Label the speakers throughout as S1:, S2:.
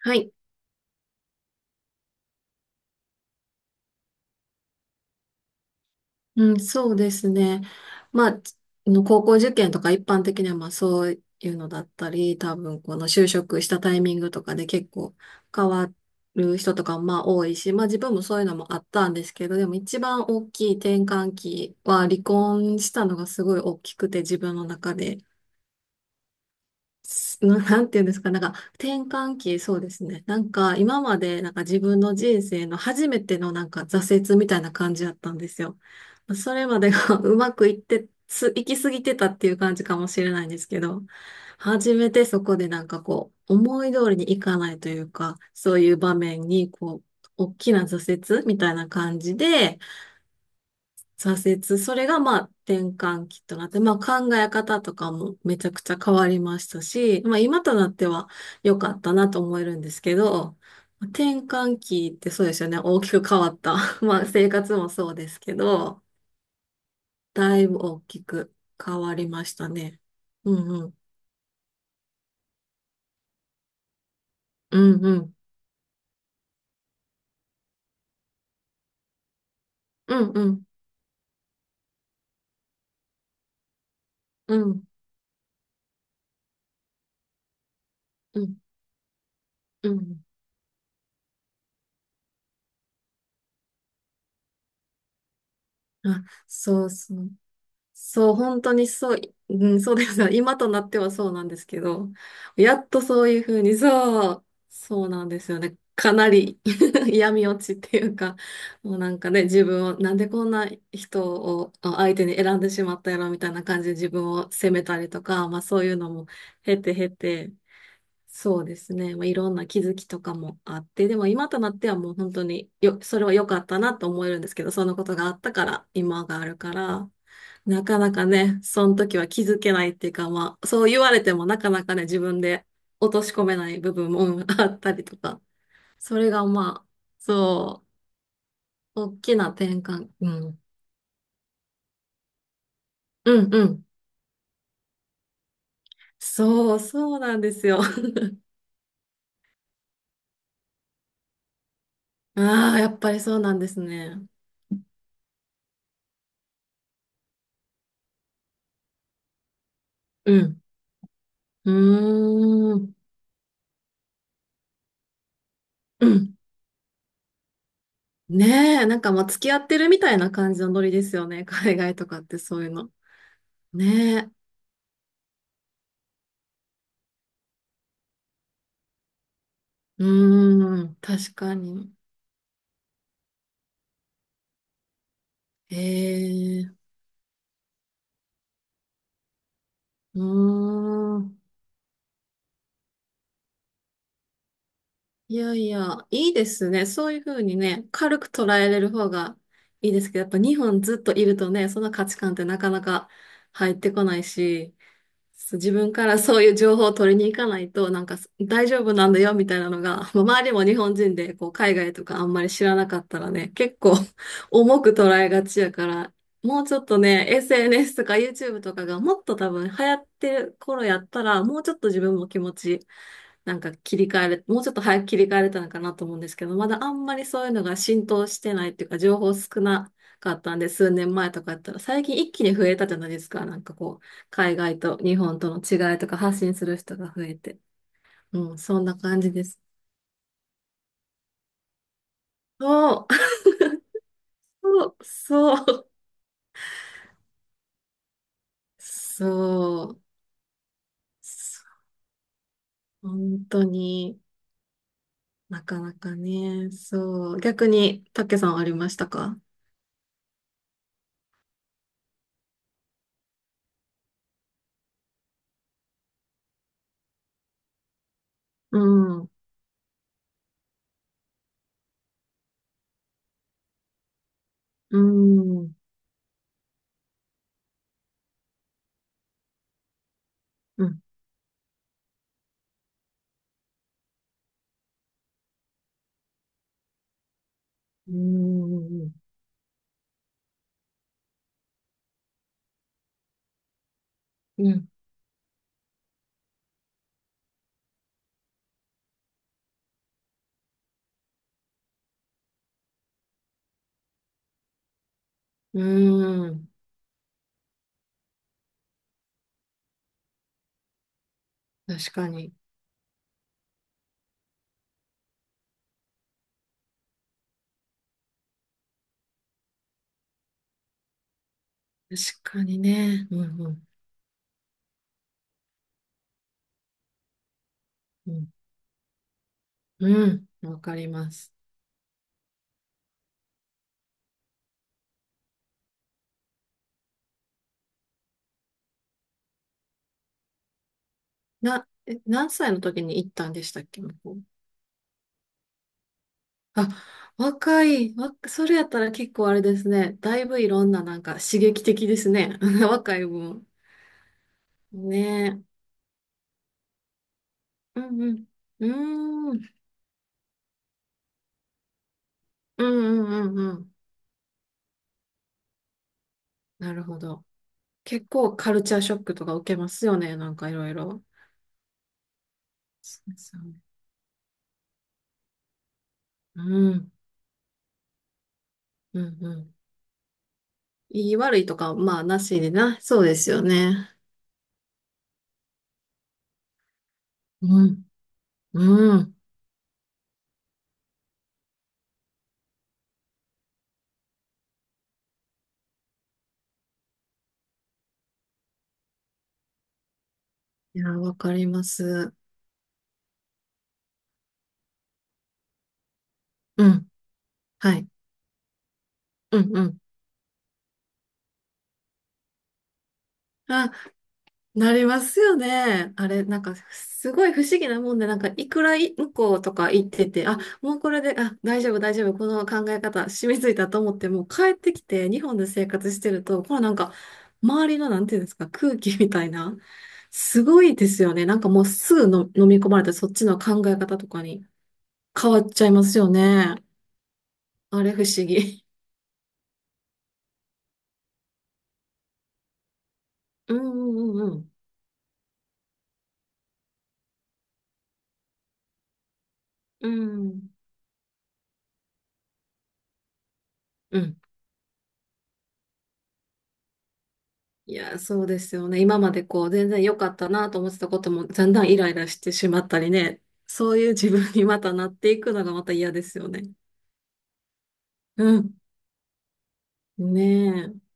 S1: はい。うん、そうですね。まあ、つあの高校受験とか一般的にはまあそういうのだったり、多分この就職したタイミングとかで結構変わる人とかもまあ多いし、まあ自分もそういうのもあったんですけど、でも一番大きい転換期は離婚したのがすごい大きくて自分の中で。なんていうんですか、なんか転換期、そうですね。なんか今までなんか自分の人生の初めてのなんか挫折みたいな感じだったんですよ。それまでが うまくいって、行き過ぎてたっていう感じかもしれないんですけど、初めてそこでなんかこう、思い通りにいかないというか、そういう場面にこう、大きな挫折みたいな感じで、挫折。それがまあ転換期となって、まあ考え方とかもめちゃくちゃ変わりましたし、まあ今となっては良かったなと思えるんですけど、転換期ってそうですよね。大きく変わった。まあ生活もそうですけど、だいぶ大きく変わりましたね。うんうん。うんうん。うんうん。うんうん。うん。あ、そうそう。そう、本当にそう、うん、そうですね。今となってはそうなんですけど、やっとそういうふうに、そう、そうなんですよね。かなり 嫌味落ちっていうか、もうなんかね、自分を、なんでこんな人を相手に選んでしまったやろみたいな感じで自分を責めたりとか、まあそういうのも経て、そうですね。まあ、いろんな気づきとかもあって、でも今となってはもう本当によ、それは良かったなと思えるんですけど、そのことがあったから今があるから、なかなかね、その時は気づけないっていうか、まあ、そう言われてもなかなかね、自分で落とし込めない部分もあったりとか、それがまあ、そ大きな転換、うん。うんうん。そう、そうなんですよ。ああ、やっぱりそうなんですね。うん。うーん。うん。ねえ、なんかまあ付き合ってるみたいな感じのノリですよね。海外とかってそういうの。ねえ。うーん、確かに。ええ、うーん。いやいや、いいですね。そういうふうにね、軽く捉えれる方がいいですけど、やっぱ日本ずっといるとね、その価値観ってなかなか入ってこないし、そう自分からそういう情報を取りに行かないと、なんか大丈夫なんだよみたいなのが、まあ周りも日本人でこう海外とかあんまり知らなかったらね、結構 重く捉えがちやから、もうちょっとね、SNS とか YouTube とかがもっと多分流行ってる頃やったら、もうちょっと自分も気持ち、なんか切り替えれ、もうちょっと早く切り替えれたのかなと思うんですけど、まだあんまりそういうのが浸透してないっていうか、情報少なかったんで、数年前とかやったら、最近一気に増えたじゃないですか、なんかこう。海外と日本との違いとか発信する人が増えて。うん、そんな感じです。そう、そう、そう、本当になかなかね、そう。逆に、たけさんありましたか？うん、うん、うん、うん、うん、うん、うん。確かに、確かにね、うん、うんわかります。何歳の時に行ったんでしたっけ、向こう。あ、若い、わ、それやったら結構あれですね。だいぶいろんななんか刺激的ですね。若い分。ねえ。うんうん。うーん。うんうんうんうん。なるほど。結構カルチャーショックとか受けますよね。なんかいろいろ。そうですよね。うん。うんうん。いい悪いとか、まあなしでな。そうですよね。うん。うん。いや、わかります。うん。はい。うんうん。あ、なりますよね。あれ、なんか、すごい不思議なもんで、なんか、いくら向こうとか行ってて、あ、もうこれで、あ、大丈夫、この考え方、染みついたと思って、もう帰ってきて、日本で生活してると、このなんか、周りの、なんていうんですか、空気みたいな、すごいですよね。なんかもうすぐの飲み込まれて、そっちの考え方とかに変わっちゃいますよね。あれ、不思議。うんうんうんうん。うん。うん。いや、そうですよね。今までこう、全然良かったなと思ってたことも、だんだんイライラしてしまったりね。そういう自分にまたなっていくのがまた嫌ですよね。うん。ねえ。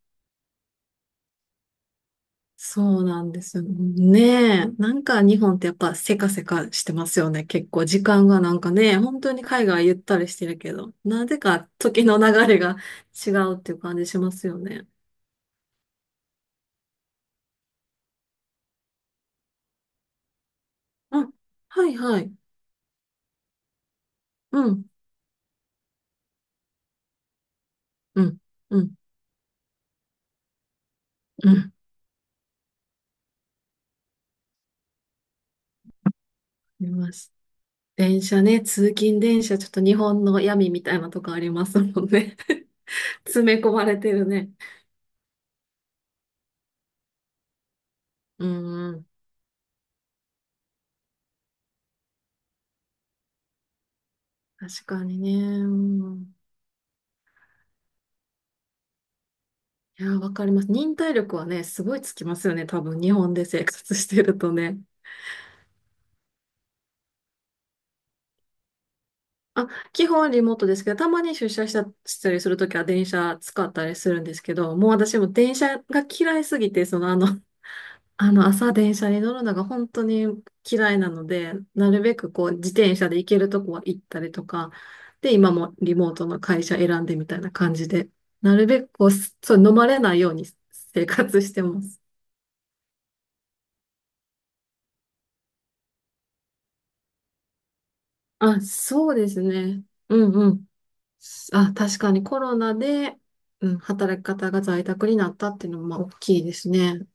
S1: そうなんですよ。ねえ。なんか日本ってやっぱせかせかしてますよね。結構時間がなんかね、本当に海外ゆったりしてるけど、なぜか時の流れが違うっていう感じしますよね。うん。はいはい。うん。うん。うん。うん。見ました。電車ね、通勤電車、ちょっと日本の闇みたいなとこありますもんね。詰め込まれてるね。うんうん。確かにね。うん、いや、わかります。忍耐力はね、すごいつきますよね。多分、日本で生活してるとね。あ、基本リモートですけど、たまに出社したりするときは電車使ったりするんですけど、もう私も電車が嫌いすぎて、あの、朝電車に乗るのが本当に嫌いなので、なるべくこう、自転車で行けるとこは行ったりとか、で、今もリモートの会社選んでみたいな感じで、なるべくこう、すそう、飲まれないように生活してます。あ、そうですね。うんうん。あ、確かにコロナで、うん、働き方が在宅になったっていうのもまあ大きいですね。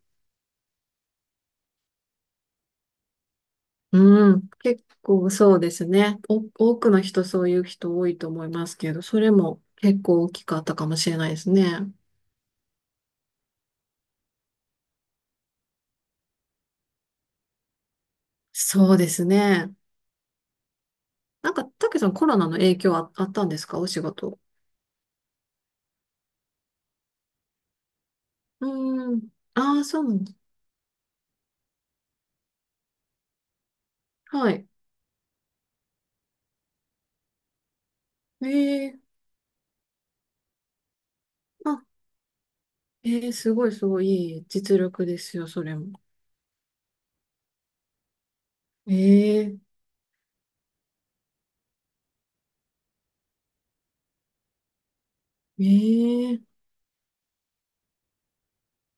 S1: うん、結構そうですね。お、多くの人そういう人多いと思いますけど、それも結構大きかったかもしれないですね。そうですね。なんか、たけさんコロナの影響あったんですかお仕事。うーん。ああ、そうなんです。はい。ええ、あ、ええ、すごいいい実力ですよ、それも。ええええ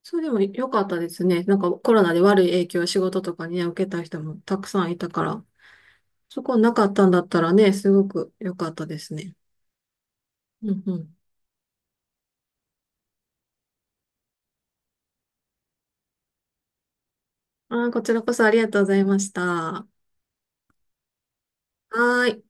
S1: それでも良かったですね。なんかコロナで悪い影響を仕事とかにね、受けた人もたくさんいたから、そこなかったんだったらね、すごく良かったですね。うんうん。あー、こちらこそありがとうございました。はーい。